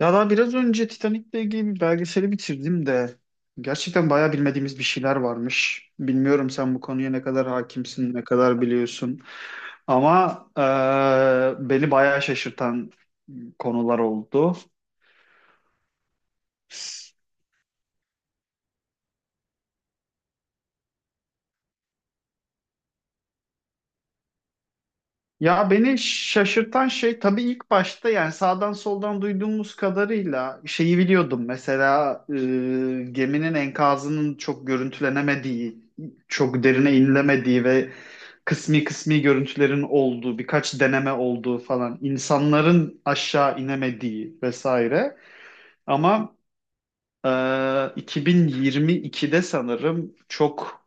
Ya daha biraz önce Titanic'le ilgili bir belgeseli bitirdim de gerçekten bayağı bilmediğimiz bir şeyler varmış. Bilmiyorum sen bu konuya ne kadar hakimsin, ne kadar biliyorsun. Ama Beni bayağı şaşırtan konular oldu. Ya beni şaşırtan şey tabii ilk başta yani sağdan soldan duyduğumuz kadarıyla şeyi biliyordum. Geminin enkazının çok görüntülenemediği, çok derine inilemediği ve kısmi kısmi görüntülerin olduğu, birkaç deneme olduğu falan, insanların aşağı inemediği vesaire. Ama ee, 2022'de sanırım çok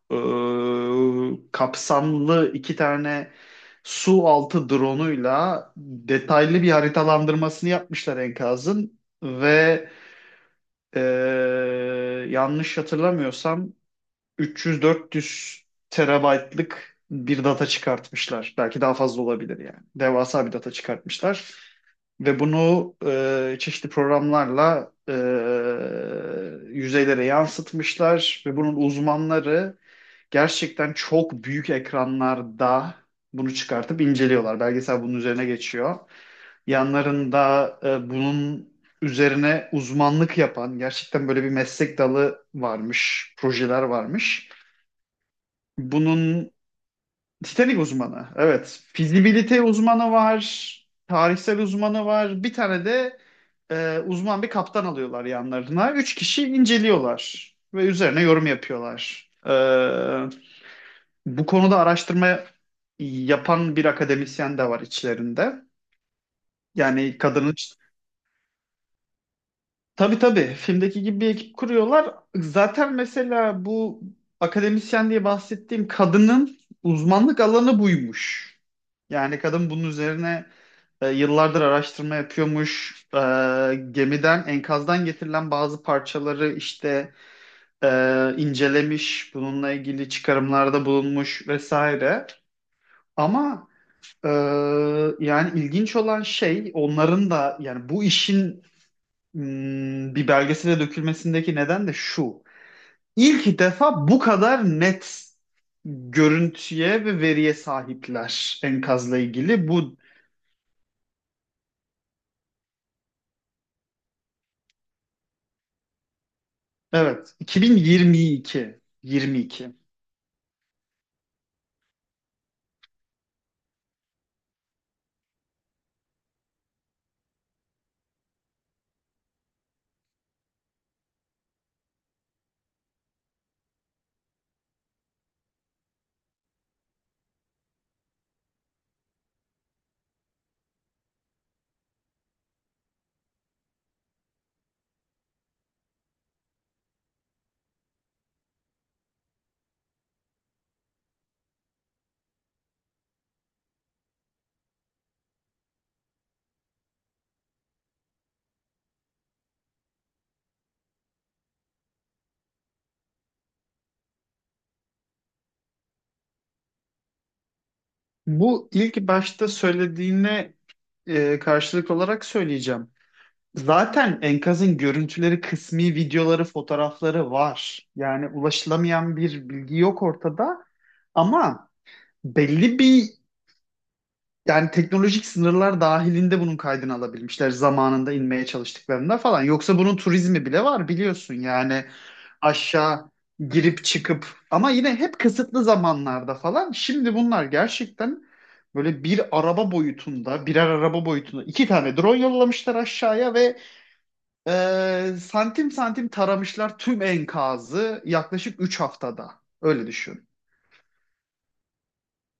kapsamlı iki tane su altı drone'uyla detaylı bir haritalandırmasını yapmışlar enkazın ve e, yanlış hatırlamıyorsam 300-400 terabaytlık bir data çıkartmışlar. Belki daha fazla olabilir yani. Devasa bir data çıkartmışlar. Ve bunu çeşitli programlarla yüzeylere yansıtmışlar ve bunun uzmanları gerçekten çok büyük ekranlarda bunu çıkartıp inceliyorlar. Belgesel bunun üzerine geçiyor. Yanlarında bunun üzerine uzmanlık yapan gerçekten böyle bir meslek dalı varmış, projeler varmış. Bunun Titanik uzmanı. Evet. Fizibilite uzmanı var. Tarihsel uzmanı var. Bir tane de uzman bir kaptan alıyorlar yanlarına. Üç kişi inceliyorlar ve üzerine yorum yapıyorlar. Bu konuda araştırma yapan bir akademisyen de var içlerinde. Yani kadının işte, tabii tabii filmdeki gibi bir ekip kuruyorlar. Zaten mesela bu akademisyen diye bahsettiğim kadının uzmanlık alanı buymuş. Yani kadın bunun üzerine yıllardır araştırma yapıyormuş. Gemiden, enkazdan getirilen bazı parçaları işte e, incelemiş, bununla ilgili çıkarımlarda bulunmuş vesaire. Ama e, Yani ilginç olan şey onların da yani bu işin bir belgesele dökülmesindeki neden de şu. İlk defa bu kadar net görüntüye ve veriye sahipler enkazla ilgili. Bu evet, 2022, 22. Bu ilk başta söylediğine karşılık olarak söyleyeceğim. Zaten enkazın görüntüleri, kısmi videoları, fotoğrafları var. Yani ulaşılamayan bir bilgi yok ortada. Ama belli bir yani teknolojik sınırlar dahilinde bunun kaydını alabilmişler zamanında inmeye çalıştıklarında falan. Yoksa bunun turizmi bile var biliyorsun yani, aşağı girip çıkıp ama yine hep kısıtlı zamanlarda falan. Şimdi bunlar gerçekten böyle bir araba boyutunda, birer araba boyutunda iki tane drone yollamışlar aşağıya ve santim santim taramışlar tüm enkazı yaklaşık 3 haftada. Öyle düşün.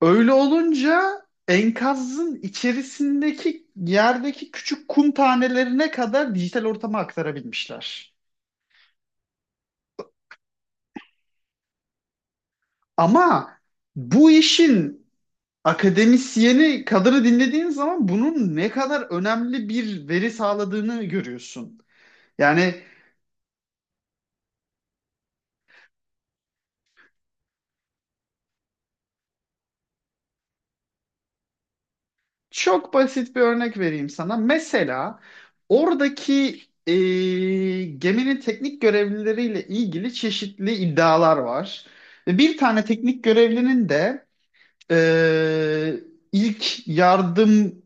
Öyle olunca enkazın içerisindeki yerdeki küçük kum tanelerine kadar dijital ortama aktarabilmişler. Ama bu işin akademisyeni kadını dinlediğin zaman bunun ne kadar önemli bir veri sağladığını görüyorsun. Yani çok basit bir örnek vereyim sana. Mesela oradaki geminin teknik görevlileriyle ilgili çeşitli iddialar var. Ve bir tane teknik görevlinin de Ee, ilk yardım,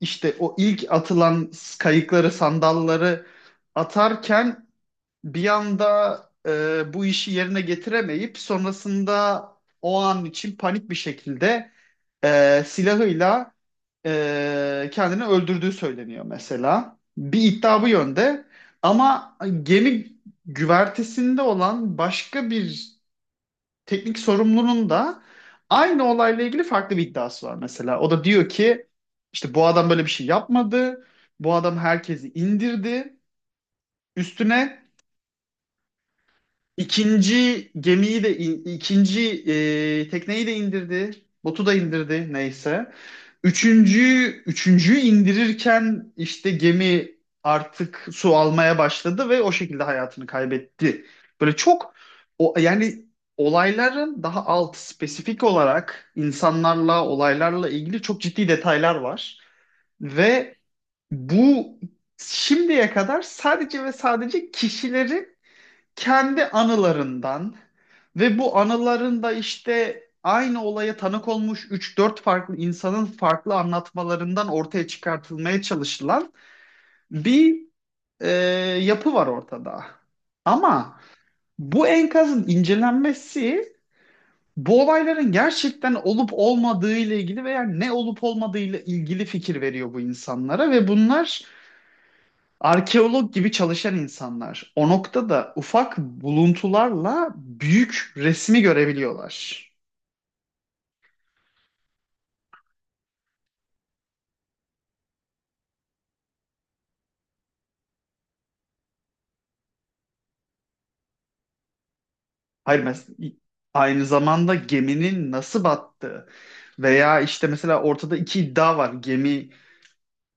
işte o ilk atılan kayıkları, sandalları atarken bir anda bu işi yerine getiremeyip sonrasında o an için panik bir şekilde silahıyla kendini öldürdüğü söyleniyor mesela. Bir iddia bu yönde ama gemi güvertesinde olan başka bir teknik sorumlunun da aynı olayla ilgili farklı bir iddiası var mesela. O da diyor ki işte bu adam böyle bir şey yapmadı. Bu adam herkesi indirdi. Üstüne İkinci gemiyi de ikinci tekneyi de indirdi. Botu da indirdi neyse. Üçüncü üçüncüyü indirirken işte gemi artık su almaya başladı ve o şekilde hayatını kaybetti. Böyle çok o yani olayların daha alt spesifik olarak insanlarla olaylarla ilgili çok ciddi detaylar var ve bu şimdiye kadar sadece ve sadece kişilerin kendi anılarından ve bu anılarında işte aynı olaya tanık olmuş üç dört farklı insanın farklı anlatmalarından ortaya çıkartılmaya çalışılan bir e, yapı var ortada. Ama bu enkazın incelenmesi bu olayların gerçekten olup olmadığı ile ilgili veya ne olup olmadığı ile ilgili fikir veriyor bu insanlara ve bunlar arkeolog gibi çalışan insanlar o noktada ufak buluntularla büyük resmi görebiliyorlar. Hayır, mesela aynı zamanda geminin nasıl battığı veya işte mesela ortada iki iddia var. Gemi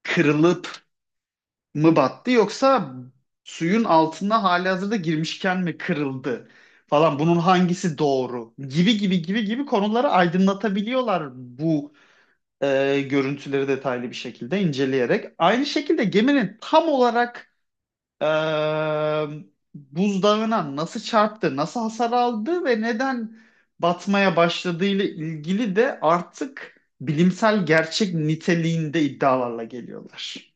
kırılıp mı battı yoksa suyun altına halihazırda girmişken mi kırıldı falan, bunun hangisi doğru gibi gibi gibi gibi konuları aydınlatabiliyorlar bu görüntüleri detaylı bir şekilde inceleyerek. Aynı şekilde geminin tam olarak e, buzdağına nasıl çarptı, nasıl hasar aldı ve neden batmaya başladığı ile ilgili de artık bilimsel gerçek niteliğinde iddialarla geliyorlar.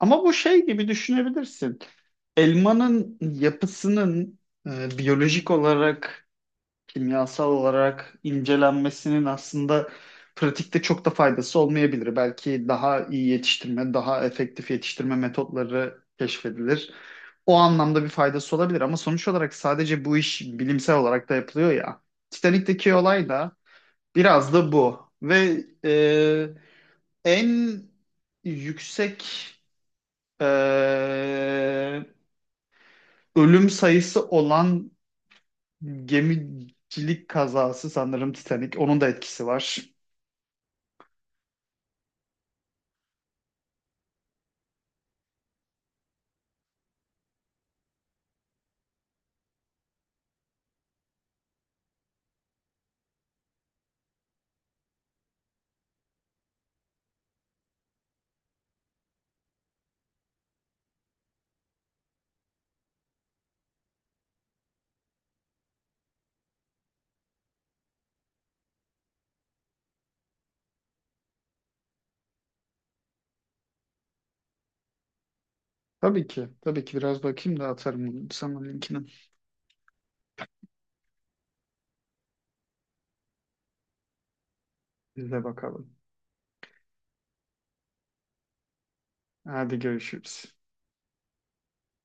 Ama bu şey gibi düşünebilirsin. Elmanın yapısının biyolojik olarak, kimyasal olarak incelenmesinin aslında pratikte çok da faydası olmayabilir. Belki daha iyi yetiştirme, daha efektif yetiştirme metotları keşfedilir. O anlamda bir faydası olabilir ama sonuç olarak sadece bu iş bilimsel olarak da yapılıyor ya. Titanik'teki olay da biraz da bu ve en yüksek e, ölüm sayısı olan gemicilik kazası sanırım Titanic. Onun da etkisi var. Tabii ki. Tabii ki, biraz bakayım da atarım sana linkini. Biz de bakalım. Hadi görüşürüz.